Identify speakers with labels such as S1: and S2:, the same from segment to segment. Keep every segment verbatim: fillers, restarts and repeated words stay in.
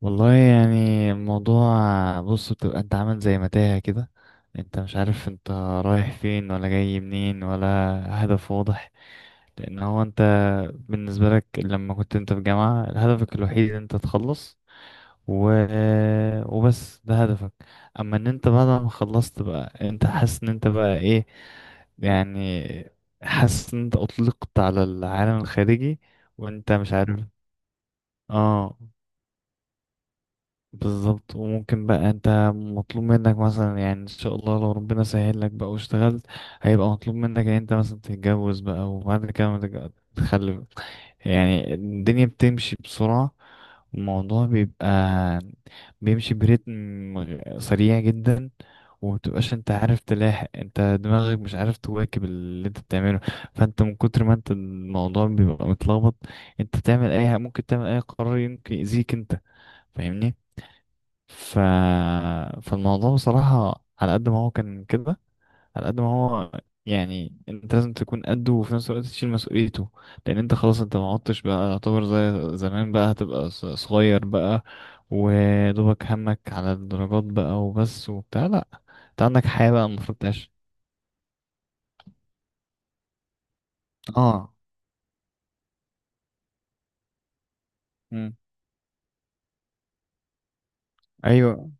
S1: والله، يعني الموضوع. بص، بتبقى انت عامل زي متاهة كده. انت مش عارف انت رايح فين، ولا جاي منين ولا هدف واضح. لان هو انت بالنسبة لك لما كنت انت في جامعة، هدفك الوحيد انت تخلص و... وبس، ده هدفك. اما ان انت بعد ما خلصت بقى، انت حاسس ان انت بقى ايه، يعني حاسس ان انت اطلقت على العالم الخارجي وانت مش عارف. اه، بالظبط. وممكن بقى انت مطلوب منك مثلا يعني ان شاء الله لو ربنا سهل لك بقى واشتغلت، هيبقى مطلوب منك ان انت مثلا تتجوز بقى، وبعد كده ما تتج- تخلف. يعني الدنيا بتمشي بسرعة، الموضوع بيبقى بيمشي بريتم سريع جدا. ومتبقاش انت عارف تلاحق، انت دماغك مش عارف تواكب اللي انت بتعمله. فانت من كتر ما انت الموضوع بيبقى متلخبط، انت تعمل اي حاجة- ممكن تعمل اي قرار يمكن يأذيك انت. فاهمني؟ ف... فالموضوع بصراحة على قد ما هو كان كده، على قد ما هو يعني انت لازم تكون قده، وفي نفس الوقت تشيل مسؤوليته. لان انت خلاص انت ما عدتش بقى يعتبر زي زمان بقى، هتبقى ص- صغير بقى، ودوبك همك على الدرجات بقى وبس وبتاع. لا، انت عندك حياة بقى المفروض تعيش. اه. مم. ايوه.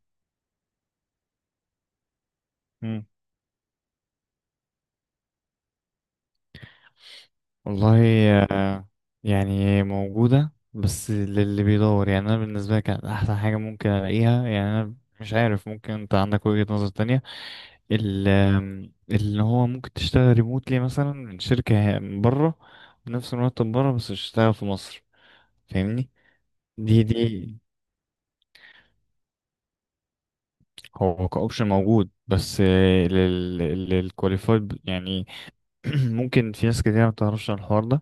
S1: والله. آه، يعني موجودة بس للي بيدور. يعني أنا بالنسبة لي كانت أحسن حاجة ممكن ألاقيها. يعني أنا مش عارف، ممكن أنت عندك وجهة نظر تانية. ال- آم، اللي هو ممكن تشتغل ريموتلي مثلا من شركة ه- من بره، بنفس المرتب بره، بس تشتغل في مصر. فاهمني؟ دي دي. هو كأوبشن موجود بس للكواليفايد يعني. ممكن في ناس كتير ما بتعرفش عن الحوار ده،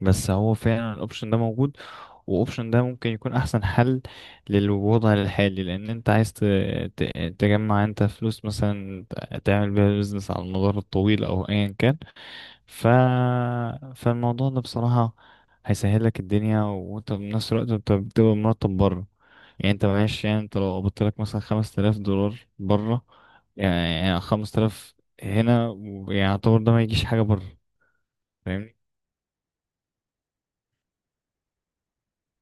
S1: بس هو فعلا الاوبشن ده موجود. واوبشن ده ممكن يكون احسن حل للوضع الحالي، لان انت عايز ت- ت- تجمع انت فلوس، مثلا ت- تعمل بيها بيزنس على المدار الطويل، او ايا كان. ف... فالموضوع ده بصراحة هيسهل لك الدنيا، وانت بنفس الوقت انت بتبقى مرتب بره. يعني انت معلش، يعني انت لو قبضت لك مثلا خمسة آلاف دولار بره، يعني خمسة آلاف هنا يعتبر ده ما يجيش حاجة بره. فاهمني؟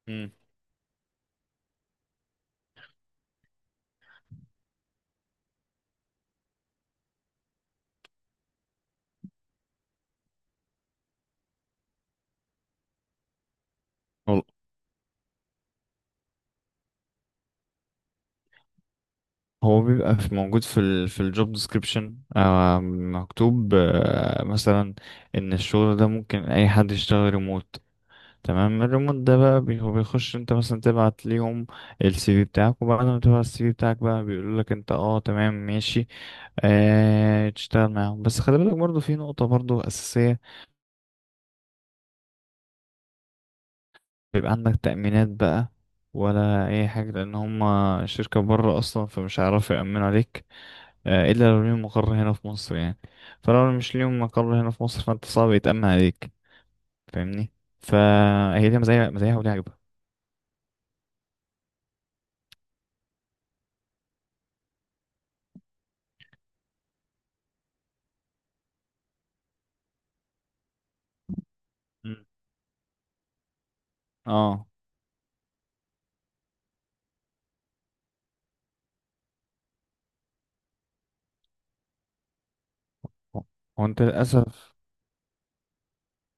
S1: مم. هو بيبقى في موجود في ال في الجوب ديسكريبشن، مكتوب آه، مثلا ان الشغل ده ممكن اي حد يشتغل ريموت. تمام، الريموت ده بقى بي- هو بيخش انت مثلا تبعت ليهم السي في بتاعك، وبعد ما تبعت السي في بتاعك بقى بيقول لك انت، اه تمام ماشي، آه تشتغل معاهم. بس خلي بالك برضو في نقطة برضو أساسية، بيبقى عندك تأمينات بقى ولا اي حاجة، لان هما شركة بره اصلا، فمش هيعرفوا يأمنوا عليك، آه، الا لو ليهم مقر هنا في مصر. يعني فلو مش ليهم مقر هنا في مصر، فانت صعب يتأمن عليك. فاهمني؟ فهي ليها مزايا مزايا وليها عيوبها. مم. اه. هو انت للاسف،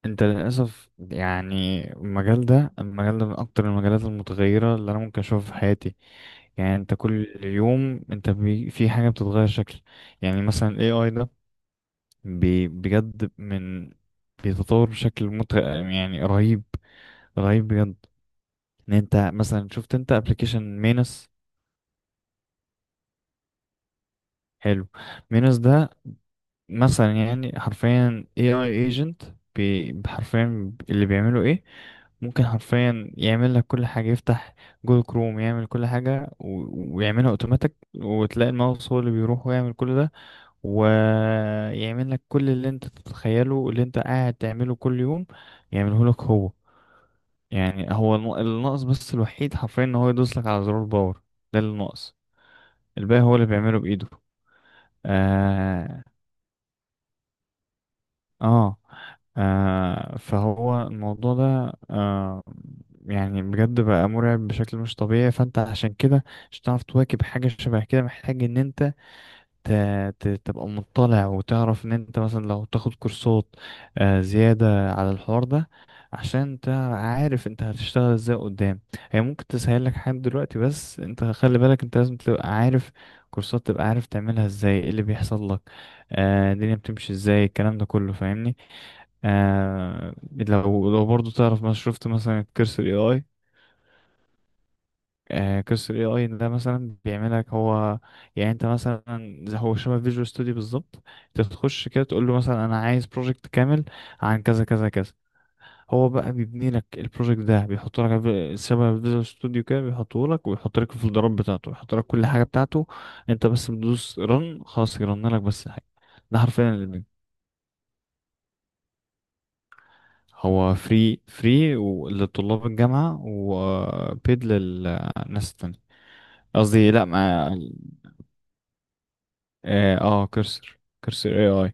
S1: انت للاسف، يعني المجال ده، المجال ده من اكتر المجالات المتغيره اللي انا ممكن اشوفها في حياتي. يعني انت كل يوم انت بي في حاجه بتتغير شكل. يعني مثلا ال إيه آي ده بي بجد، من بيتطور بشكل مت يعني رهيب، رهيب بجد. ان انت مثلا شفت انت ابلكيشن مينس؟ حلو. مينس ده مثلا يعني حرفيا اي اي ايجنت. حرفيا اللي بيعمله ايه؟ ممكن حرفيا يعمل لك كل حاجه. يفتح جوجل كروم، يعمل كل حاجه، و- ويعملها اوتوماتيك، وتلاقي الماوس هو اللي بيروح ويعمل كل ده، ويعمل لك كل اللي انت تتخيله، اللي انت قاعد تعمله كل يوم، يعمله لك هو. يعني هو الن- الناقص بس الوحيد حرفيا ان هو يدوس لك على زرار باور، ده اللي ناقص. الباقي هو اللي بيعمله بإيده. اه, آه. آه فهو الموضوع ده آه يعني بجد بقى مرعب بشكل مش طبيعي. فانت عشان كده مش هتعرف تواكب حاجة شبه كده، محتاج ان انت ت- ت- تبقى مطلع، وتعرف ان انت مثلا لو تاخد كورسات آه، زيادة على الحوار ده، عشان انت عارف انت هتشتغل ازاي قدام. هي ممكن تسهل لك حاجات دلوقتي، بس انت خلي بالك انت لازم تبقى عارف كورسات، تبقى عارف تعملها ازاي، ايه اللي بيحصل لك، آه، الدنيا بتمشي ازاي الكلام ده كله. فاهمني؟ آه، لو لو برضو تعرف ما شفت مثلا الكورس الاي اي، آه، قصة ال إيه آي ده مثلا بيعملك هو، يعني انت مثلا زي هو شبه فيجوال ستوديو بالظبط. انت تخش كده تقول له مثلا انا عايز بروجكت كامل عن كذا كذا كذا، هو بقى بيبني لك البروجكت ده، بيحط لك في- شبه فيجوال ستوديو كده، بيحطه لك، ويحط لك الفولدرات بتاعته، ويحط لك كل حاجة بتاعته. انت بس بتدوس رن، خلاص يرن لك بس الحاجة. ده حرفيا اللي بي- هو فري فري لطلاب الجامعة، وبيد للناس التانية. قصدي لا، ما اه آه، كرسر. كرسر اي اي.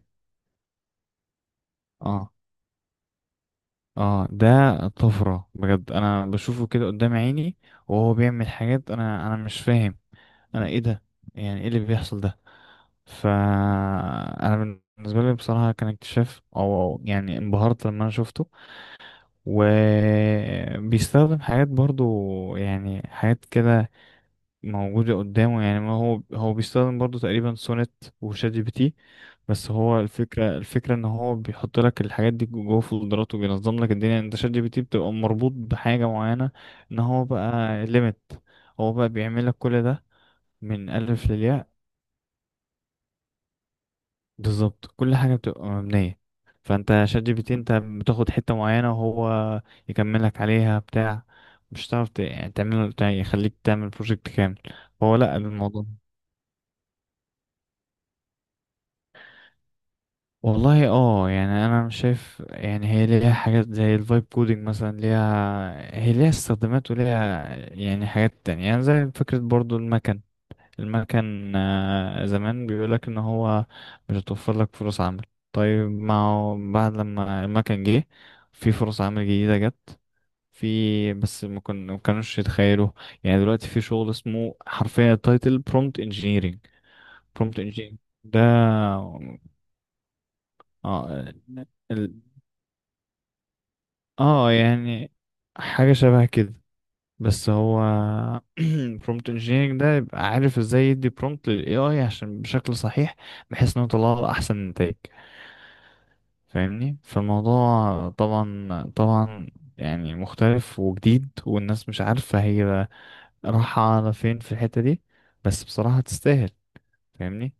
S1: اه اه، ده طفرة بجد، انا بشوفه كده قدام عيني، وهو بيعمل حاجات انا انا مش فاهم انا ايه ده، يعني ايه اللي بيحصل ده. فانا بالنسبة لي بصراحة كان اكتشاف، او أو يعني انبهرت لما انا شفته. وبيستخدم حاجات برضو، يعني حاجات كده موجودة قدامه، يعني ما هو هو بيستخدم برضو تقريبا سونت وشات جي بي تي. بس هو الفكرة الفكرة ان هو بيحط لك الحاجات دي جوه فولدرات، وبينظم لك الدنيا. انت شات جي بي تي بتبقى مربوط بحاجة معينة، ان هو بقى ليميت. هو بقى بيعمل لك كل ده من ألف للياء، بالظبط. كل حاجة بتبقى مبنية. فانت شات جي بي تي انت بتاخد حتة معينة وهو يكملك عليها بتاع، مش هتعرف ت- يعني تعمل، يعني يخليك تعمل بروجكت كامل. هو لا، الموضوع، والله اه يعني انا مش شايف. يعني هي ليها حاجات زي الفايب كودينج مثلا ليها، هي ليها استخدامات، وليها يعني حاجات تانية، يعني زي فكرة برضو المكن. المكن آه، زمان بيقولك ان هو مش هتوفر لك فرص عمل، طيب ما هو بعد لما المكن جه، في فرص عمل جديدة جت في، بس ما كن- ما كانوش يتخيلوا. يعني دلوقتي في شغل اسمه حرفيا تايتل برومبت انجينيرنج، برومبت انجينيرنج ده. اه اه، يعني حاجة شبه كده، بس هو prompt engineering ده يبقى عارف ازاي يدي prompt لل إيه آي عشان بشكل صحيح، بحيث انه يطلع له احسن نتائج. فاهمني؟ فالموضوع طبعا طبعا يعني مختلف وجديد، والناس مش عارفة هي رايحة على فين في الحتة دي، بس بصراحة تستاهل. فاهمني؟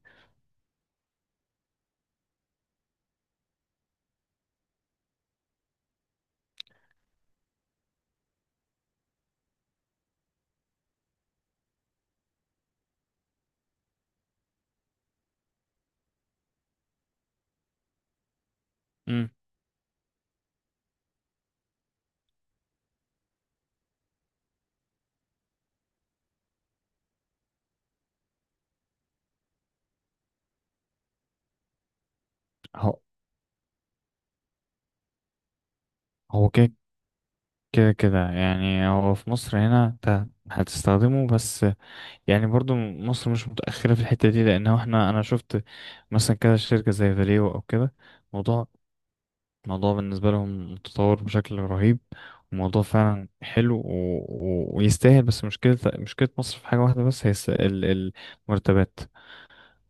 S1: مم. هو هو كده كده كده. يعني هو في مصر هنا انت هتستخدمه بس، يعني برضو مصر مش متأخرة في الحتة دي، لأنه احنا أنا شفت مثلا كده شركة زي فاليو أو كده، موضوع موضوع بالنسبة لهم متطور بشكل رهيب، وموضوع فعلا حلو، و... و... ويستاهل. بس مشكلة مشكلة مصر في حاجة واحدة بس، هي الس- ال... المرتبات.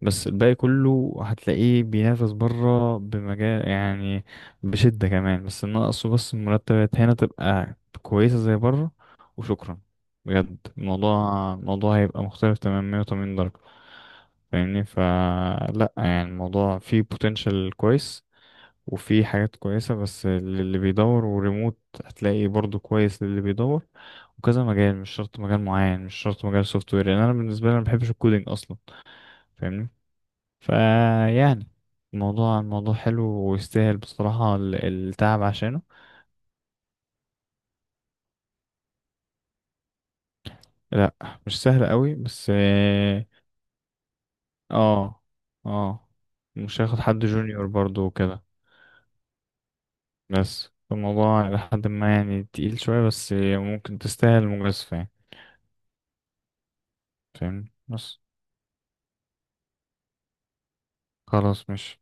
S1: بس الباقي كله هتلاقيه بينافس بره بمجال يعني بشدة كمان. بس ناقصه بس المرتبات هنا تبقى كويسة زي بره، وشكرا. بجد الموضوع الموضوع هيبقى مختلف تماما مئة وثمانين درجة. فاهمني؟ فلا، يعني الموضوع فيه potential كويس، وفيه حاجات كويسة بس للي بيدور. وريموت هتلاقي برضو كويس للي بيدور، وكذا مجال، مش شرط مجال معين، مش شرط مجال سوفت وير. يعني انا بالنسبة لي أنا ما بحبش الكودينج اصلا. فاهمني؟ فيعني الموضوع الموضوع حلو ويستاهل بصراحة ال- التعب عشانه. لا مش سهل قوي، بس اه. اه، آه. مش هاخد حد جونيور برضو وكده، بس الموضوع لحد ما يعني تقيل شوية، بس ممكن تستاهل مجازفة يعني. فاهم؟ بس خلاص مش